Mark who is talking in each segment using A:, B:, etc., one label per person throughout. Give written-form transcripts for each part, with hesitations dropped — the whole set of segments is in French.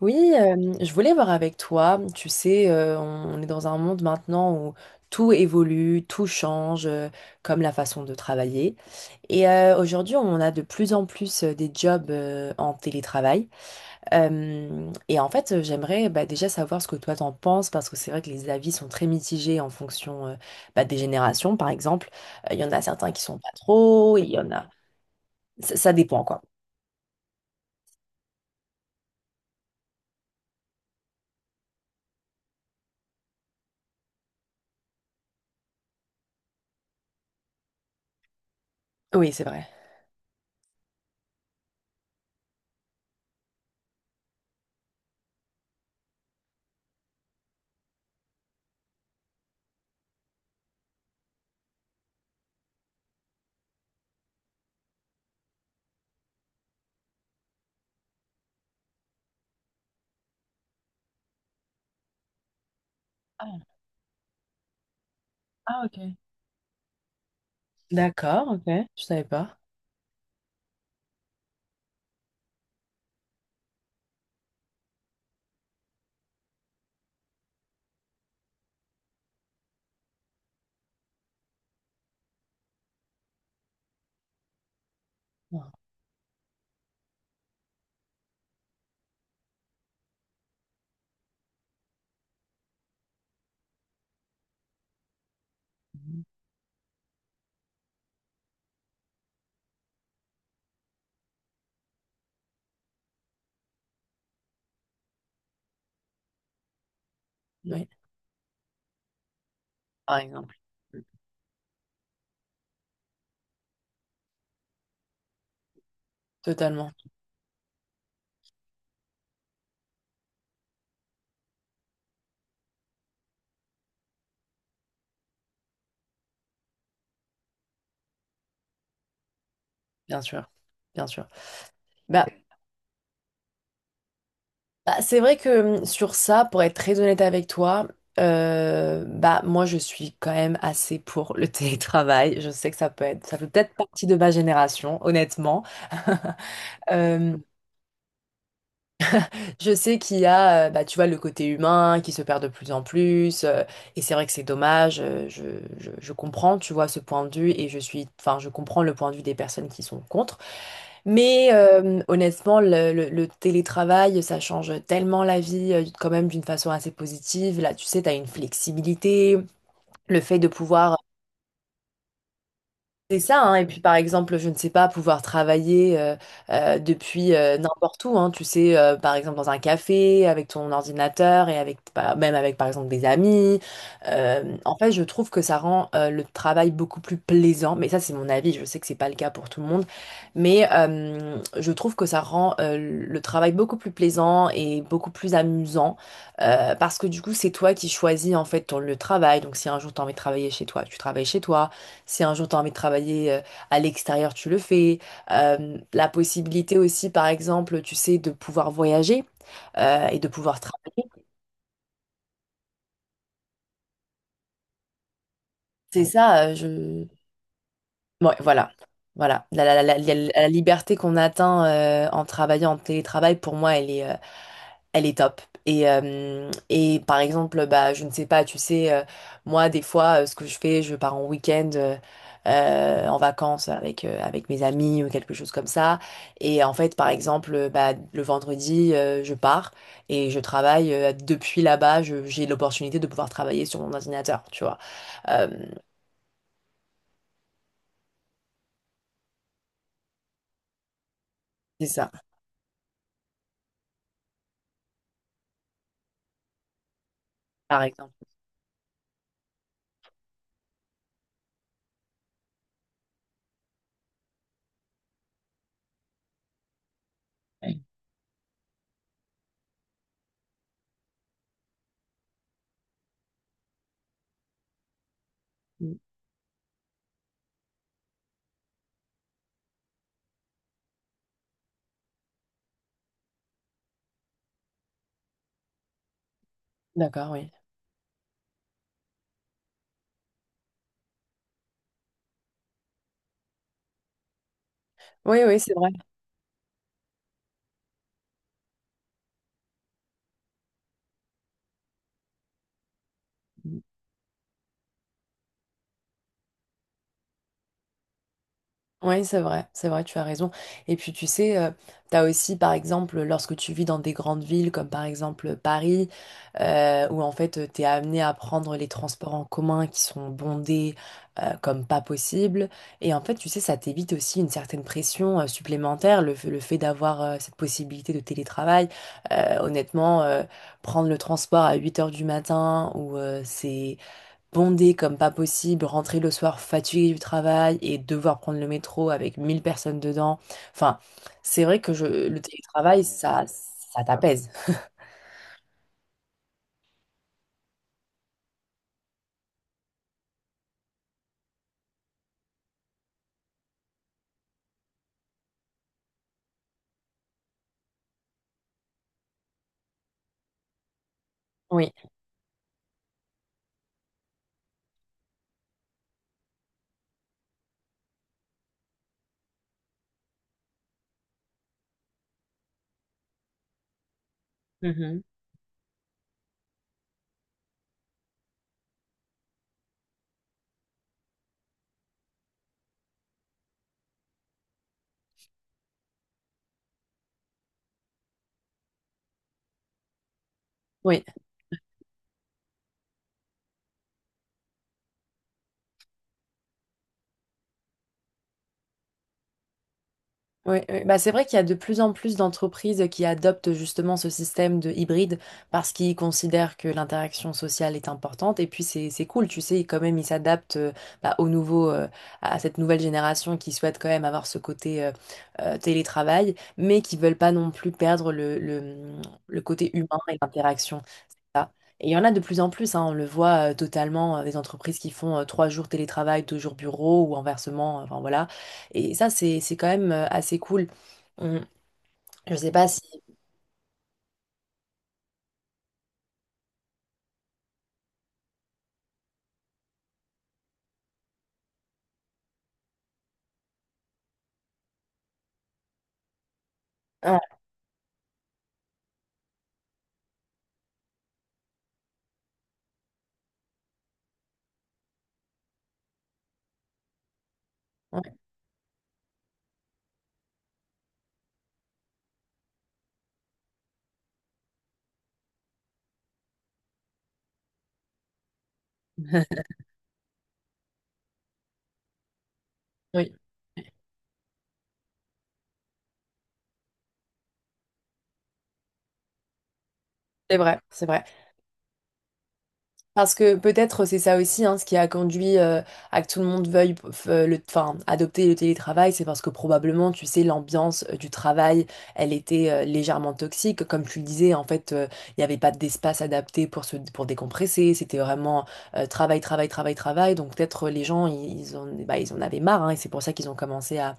A: Oui, je voulais voir avec toi. Tu sais, on est dans un monde maintenant où tout évolue, tout change, comme la façon de travailler. Et aujourd'hui, on a de plus en plus des jobs en télétravail. Et en fait, j'aimerais bah, déjà savoir ce que toi t'en penses, parce que c'est vrai que les avis sont très mitigés en fonction bah, des générations, par exemple. Il y en a certains qui sont pas trop, il y en a... Ça dépend, quoi. Oui, c'est vrai. Ah, ah, ok. D'accord, ok. Je savais pas. Bon. Oui, par exemple. Totalement, bien sûr, bien sûr. Bah, bah, c'est vrai que sur ça, pour être très honnête avec toi, bah moi je suis quand même assez pour le télétravail. Je sais que ça peut être, ça fait peut-être partie de ma génération, honnêtement. Euh, je sais qu'il y a, bah, tu vois, le côté humain qui se perd de plus en plus, et c'est vrai que c'est dommage. Je comprends, tu vois, ce point de vue, et je suis, enfin, je comprends le point de vue des personnes qui sont contre. Mais honnêtement, le télétravail, ça change tellement la vie, quand même d'une façon assez positive. Là, tu sais, tu as une flexibilité, le fait de pouvoir, c'est ça, hein. Et puis par exemple, je ne sais pas, pouvoir travailler depuis n'importe où, hein. Tu sais, par exemple dans un café, avec ton ordinateur et avec bah, même avec par exemple des amis. En fait, je trouve que ça rend le travail beaucoup plus plaisant. Mais ça, c'est mon avis, je sais que c'est pas le cas pour tout le monde. Mais je trouve que ça rend le travail beaucoup plus plaisant et beaucoup plus amusant. Parce que du coup, c'est toi qui choisis en fait ton lieu de travail. Donc si un jour tu as envie de travailler chez toi, tu travailles chez toi. Si un jour tu as envie de travailler à l'extérieur, tu le fais. La possibilité aussi, par exemple, tu sais, de pouvoir voyager et de pouvoir travailler. C'est ça, je... Ouais, voilà. Voilà. La liberté qu'on atteint en travaillant en télétravail, pour moi, elle est top. Et par exemple, bah, je ne sais pas, tu sais, moi, des fois, ce que je fais, je pars en week-end en vacances avec mes amis ou quelque chose comme ça. Et en fait, par exemple, bah, le vendredi, je pars et je travaille depuis là-bas. J'ai l'opportunité de pouvoir travailler sur mon ordinateur, tu vois. Euh, c'est ça, par exemple. Mm. D'accord, oui. Oui, oui, c'est vrai. Oui, c'est vrai, tu as raison. Et puis tu sais, tu as aussi par exemple lorsque tu vis dans des grandes villes comme par exemple Paris, où en fait tu es amené à prendre les transports en commun qui sont bondés comme pas possible. Et en fait, tu sais, ça t'évite aussi une certaine pression supplémentaire, le fait d'avoir cette possibilité de télétravail. Honnêtement, prendre le transport à 8 heures du matin ou c'est bondé comme pas possible, rentrer le soir fatigué du travail et devoir prendre le métro avec 1 000 personnes dedans. Enfin, c'est vrai que je, le télétravail, ça t'apaise. Oui. Mhm. Oui. Oui, oui. Bah, c'est vrai qu'il y a de plus en plus d'entreprises qui adoptent justement ce système de hybride parce qu'ils considèrent que l'interaction sociale est importante et puis c'est cool, tu sais, quand même ils s'adaptent bah, au nouveau à cette nouvelle génération qui souhaite quand même avoir ce côté télétravail mais qui veulent pas non plus perdre le côté humain et l'interaction et il y en a de plus en plus, hein, on le voit totalement, des entreprises qui font 3 jours télétravail, 2 jours bureau ou inversement, enfin voilà. Et ça, c'est quand même assez cool. On- je sais pas si... Ouais, ouais. Oui, c'est vrai, c'est vrai. Parce que peut-être c'est ça aussi hein, ce qui a conduit à que tout le monde veuille le, enfin, adopter le télétravail, c'est parce que probablement, tu sais, l'ambiance du travail, elle était légèrement toxique. Comme tu le disais, en fait, il n'y avait pas d'espace adapté pour se, pour décompresser. C'était vraiment travail, travail, travail, travail. Donc peut-être les gens, bah, ils en avaient marre hein, et c'est pour ça qu'ils ont commencé à,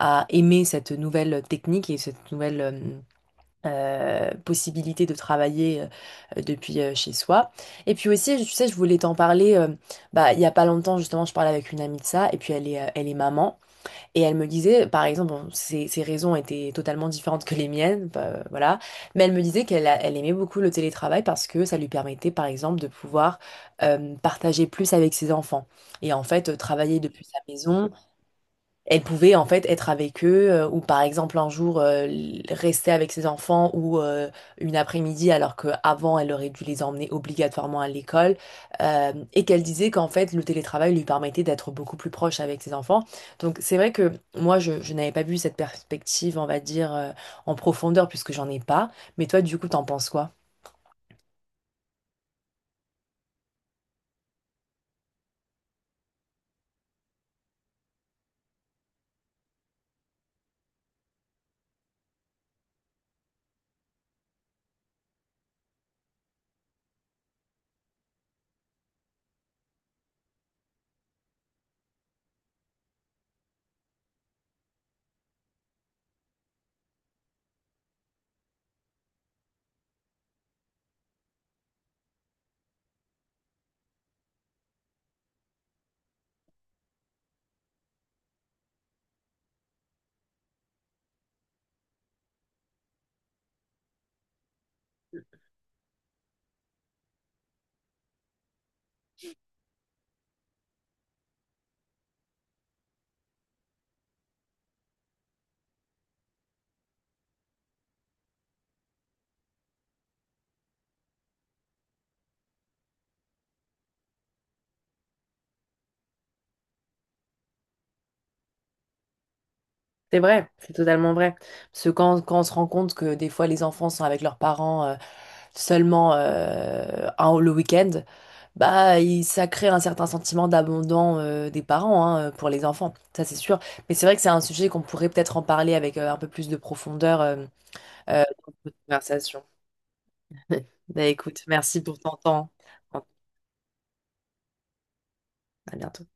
A: à aimer cette nouvelle technique et cette nouvelle, possibilité de travailler depuis chez soi. Et puis aussi, tu sais, je voulais t'en parler, bah, il y a pas longtemps, justement, je parlais avec une amie de ça, et puis elle est maman, et elle me disait, par exemple, bon, ses raisons étaient totalement différentes que les miennes, bah, voilà, mais elle me disait elle aimait beaucoup le télétravail parce que ça lui permettait, par exemple, de pouvoir partager plus avec ses enfants. Et en fait, travailler depuis sa maison, elle pouvait en fait être avec eux ou par exemple un jour rester avec ses enfants ou une après-midi alors qu'avant elle aurait dû les emmener obligatoirement à l'école et qu'elle disait qu'en fait le télétravail lui permettait d'être beaucoup plus proche avec ses enfants. Donc c'est vrai que moi je n'avais pas vu cette perspective on va dire en profondeur puisque j'en ai pas, mais toi du coup t'en penses quoi? C'est vrai, c'est totalement vrai. Parce que quand on se rend compte que des fois les enfants sont avec leurs parents seulement le week-end, bah, ça crée un certain sentiment d'abandon des parents hein, pour les enfants, ça c'est sûr. Mais c'est vrai que c'est un sujet qu'on pourrait peut-être en parler avec un peu plus de profondeur dans notre conversation. Bah écoute, merci pour ton temps. À bientôt.